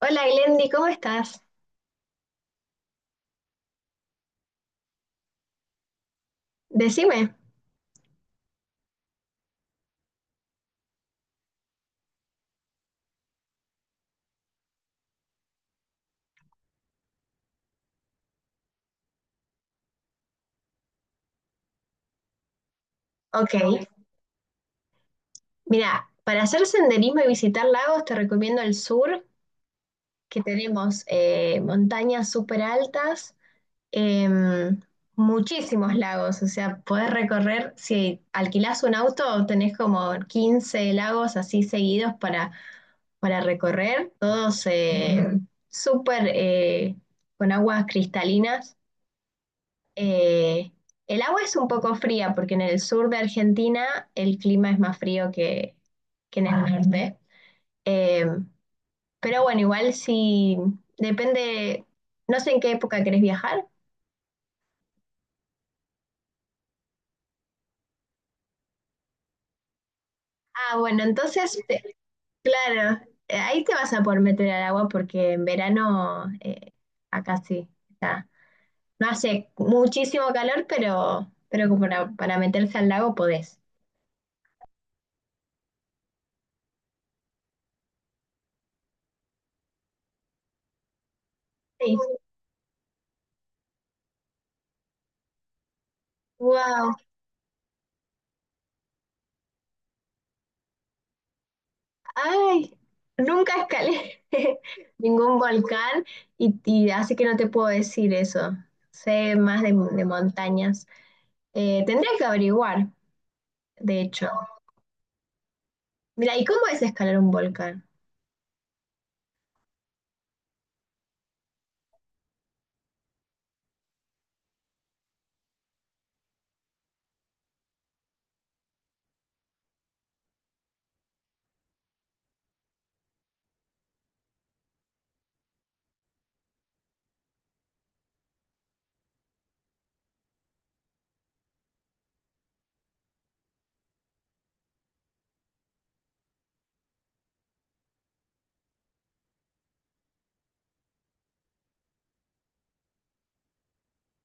Hola Glendy, ¿cómo estás? Decime. Ok, mira, para hacer senderismo y visitar lagos te recomiendo el sur, que tenemos montañas súper altas, em, muchísimos lagos, o sea, podés recorrer, si alquilás un auto, tenés como 15 lagos así seguidos para recorrer, todos súper con aguas cristalinas. Eh, el agua es un poco fría porque en el sur de Argentina el clima es más frío que en el norte. Eh, pero bueno, igual si depende, no sé en qué época querés viajar. Ah, bueno, entonces, claro, ahí te vas a poder meter al agua porque en verano acá sí está. No hace muchísimo calor, pero como para meterse al lago podés. Sí. Wow. Ay, nunca escalé ningún volcán y así que no te puedo decir eso. Sé más de montañas. Tendría que averiguar, de hecho. Mira, ¿y cómo es escalar un volcán?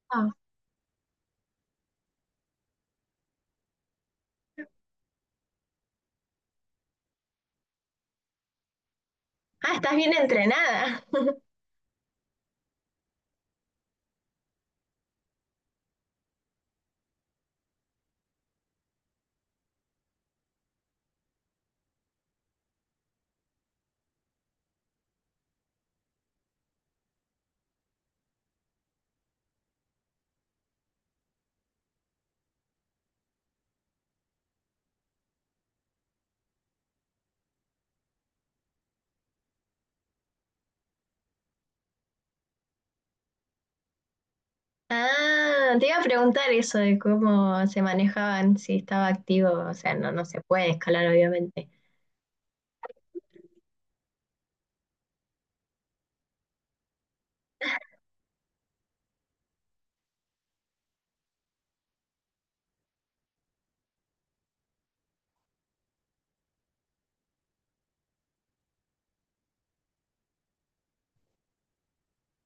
Ah. Ah, estás bien entrenada. Ah, te iba a preguntar eso de cómo se manejaban, si estaba activo, o sea, no se puede escalar, obviamente.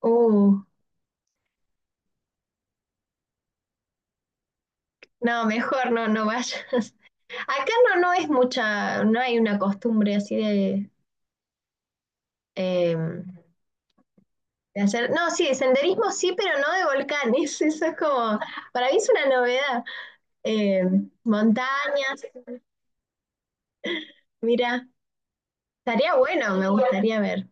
Uh, no, mejor no vayas. Acá no, no es mucha, no hay una costumbre así de, eh, de hacer, no, sí, de senderismo sí, pero no de volcanes. Eso es como, para mí es una novedad. Eh, Montañas, mira, estaría bueno, me gustaría ver.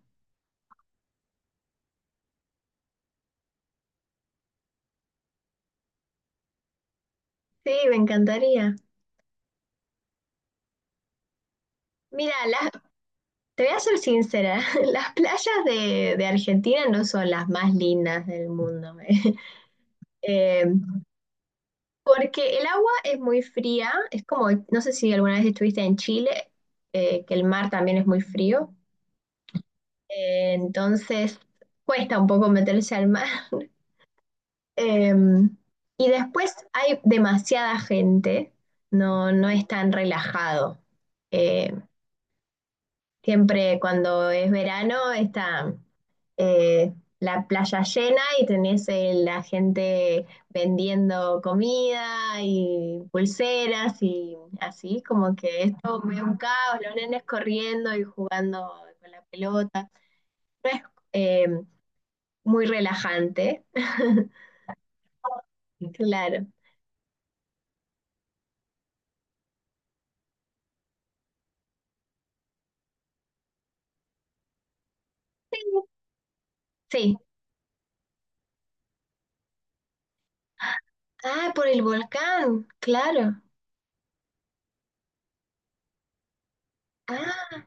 Sí, me encantaría. Mira, te voy a ser sincera, las playas de Argentina no son las más lindas del mundo, eh, porque el agua es muy fría, es como, no sé si alguna vez estuviste en Chile, que el mar también es muy frío. Entonces cuesta un poco meterse al mar. Em, y después hay demasiada gente, no, no es tan relajado. Eh, Siempre cuando es verano está eh, la playa llena y tenés la gente vendiendo comida y pulseras y así, como que esto es todo medio un caos, los nenes corriendo y jugando con la pelota. No es, eh, Muy relajante. Claro. Sí. Ah, por el volcán, claro. Ah,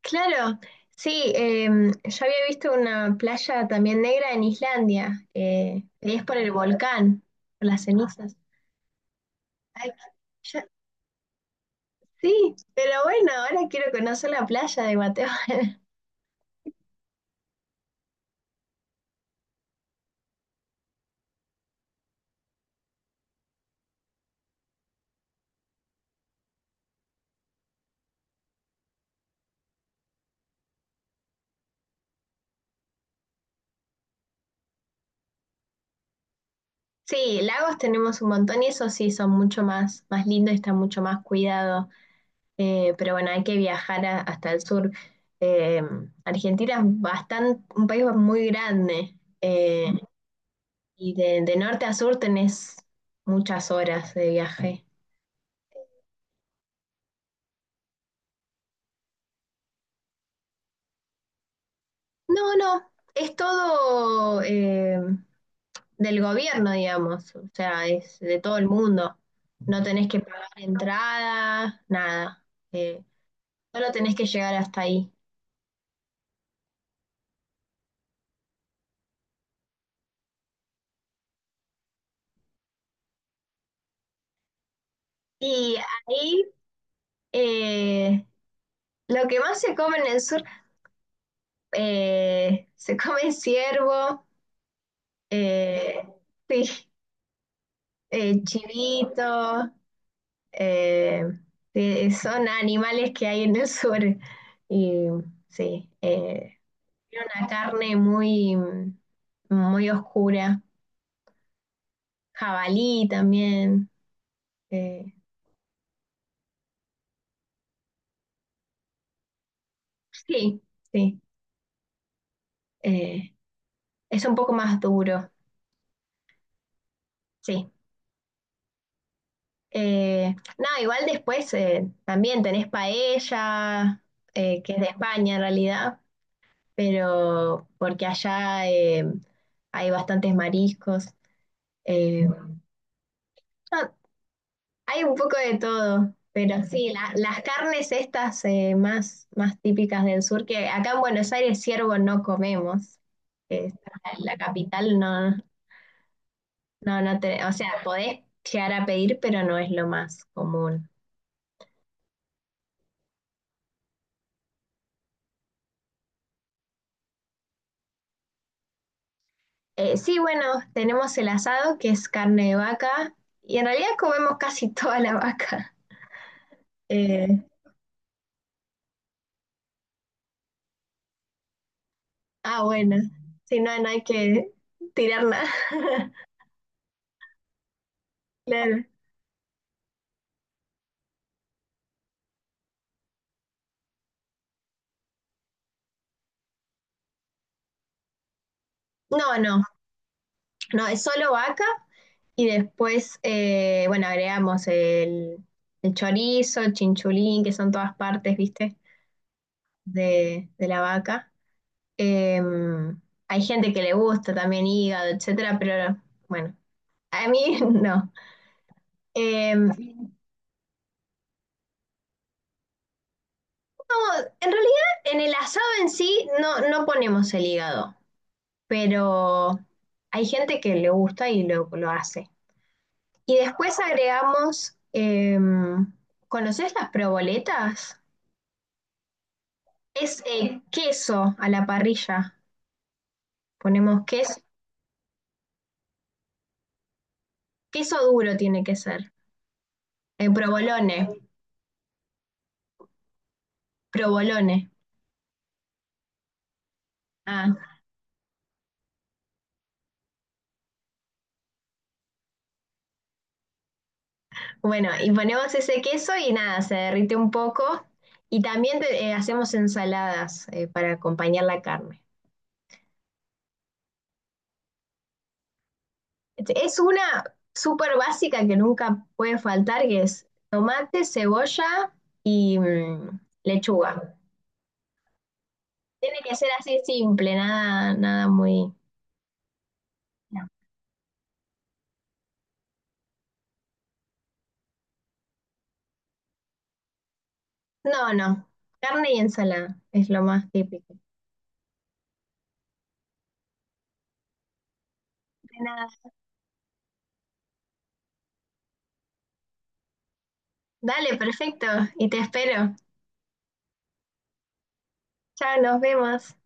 claro. Sí, yo había visto una playa también negra en Islandia, y es por el volcán, por las cenizas. Ay, yo- sí, pero bueno, ahora quiero conocer la playa de Guatemala. Sí, lagos tenemos un montón y esos sí son mucho más, más lindos y están mucho más cuidados. Pero bueno, hay que viajar hasta el sur. Eh, Argentina es bastante, un país muy grande y de norte a sur tenés muchas horas de viaje. No, no, es todo del gobierno, digamos, o sea, es de todo el mundo. No tenés que pagar entrada, nada. Eh, Solo tenés que llegar hasta ahí. Y ahí eh, lo que más se come en el sur se come ciervo, eh, sí, chivito, eh, sí, son animales que hay en el sur. Y sí, tiene una carne muy, muy oscura. Jabalí también. eh, sí, sí. eh, es un poco más duro, sí. Eh, no, Igual después también tenés paella, que es de España en realidad pero porque allá hay bastantes mariscos. eh, no, hay un poco de todo, pero sí, las carnes estas más típicas del sur, que acá en Buenos Aires ciervo no comemos, eh, la capital no, no, o sea, podés llegar a pedir, pero no es lo más común. Sí, bueno, tenemos el asado, que es carne de vaca, y en realidad comemos casi toda la vaca. Eh, Ah, bueno. Si no, no hay que tirar nada. Claro. No, no, no, es solo vaca y después, bueno, el chorizo, el chinchulín, que son todas partes, ¿viste? De la vaca. Eh, Hay gente que le gusta también hígado, etcétera, pero bueno, a mí no. Eh, no, en realidad en el asado en sí no, no ponemos el hígado. Pero hay gente que le gusta y lo hace. Y después agregamos, ¿conoces las proboletas? Es queso a la parrilla. Ponemos queso, queso duro tiene que ser. Provolone, provolone. Ah, bueno, y ponemos ese queso y nada, se derrite un poco. Y también hacemos ensaladas para acompañar la carne. Es una súper básica que nunca puede faltar, que es tomate, cebolla y lechuga. Tiene que ser así simple, nada, nada muy... No, no, no. Carne y ensalada es lo más típico. De nada. Dale, perfecto. Y te espero. Chao, nos vemos.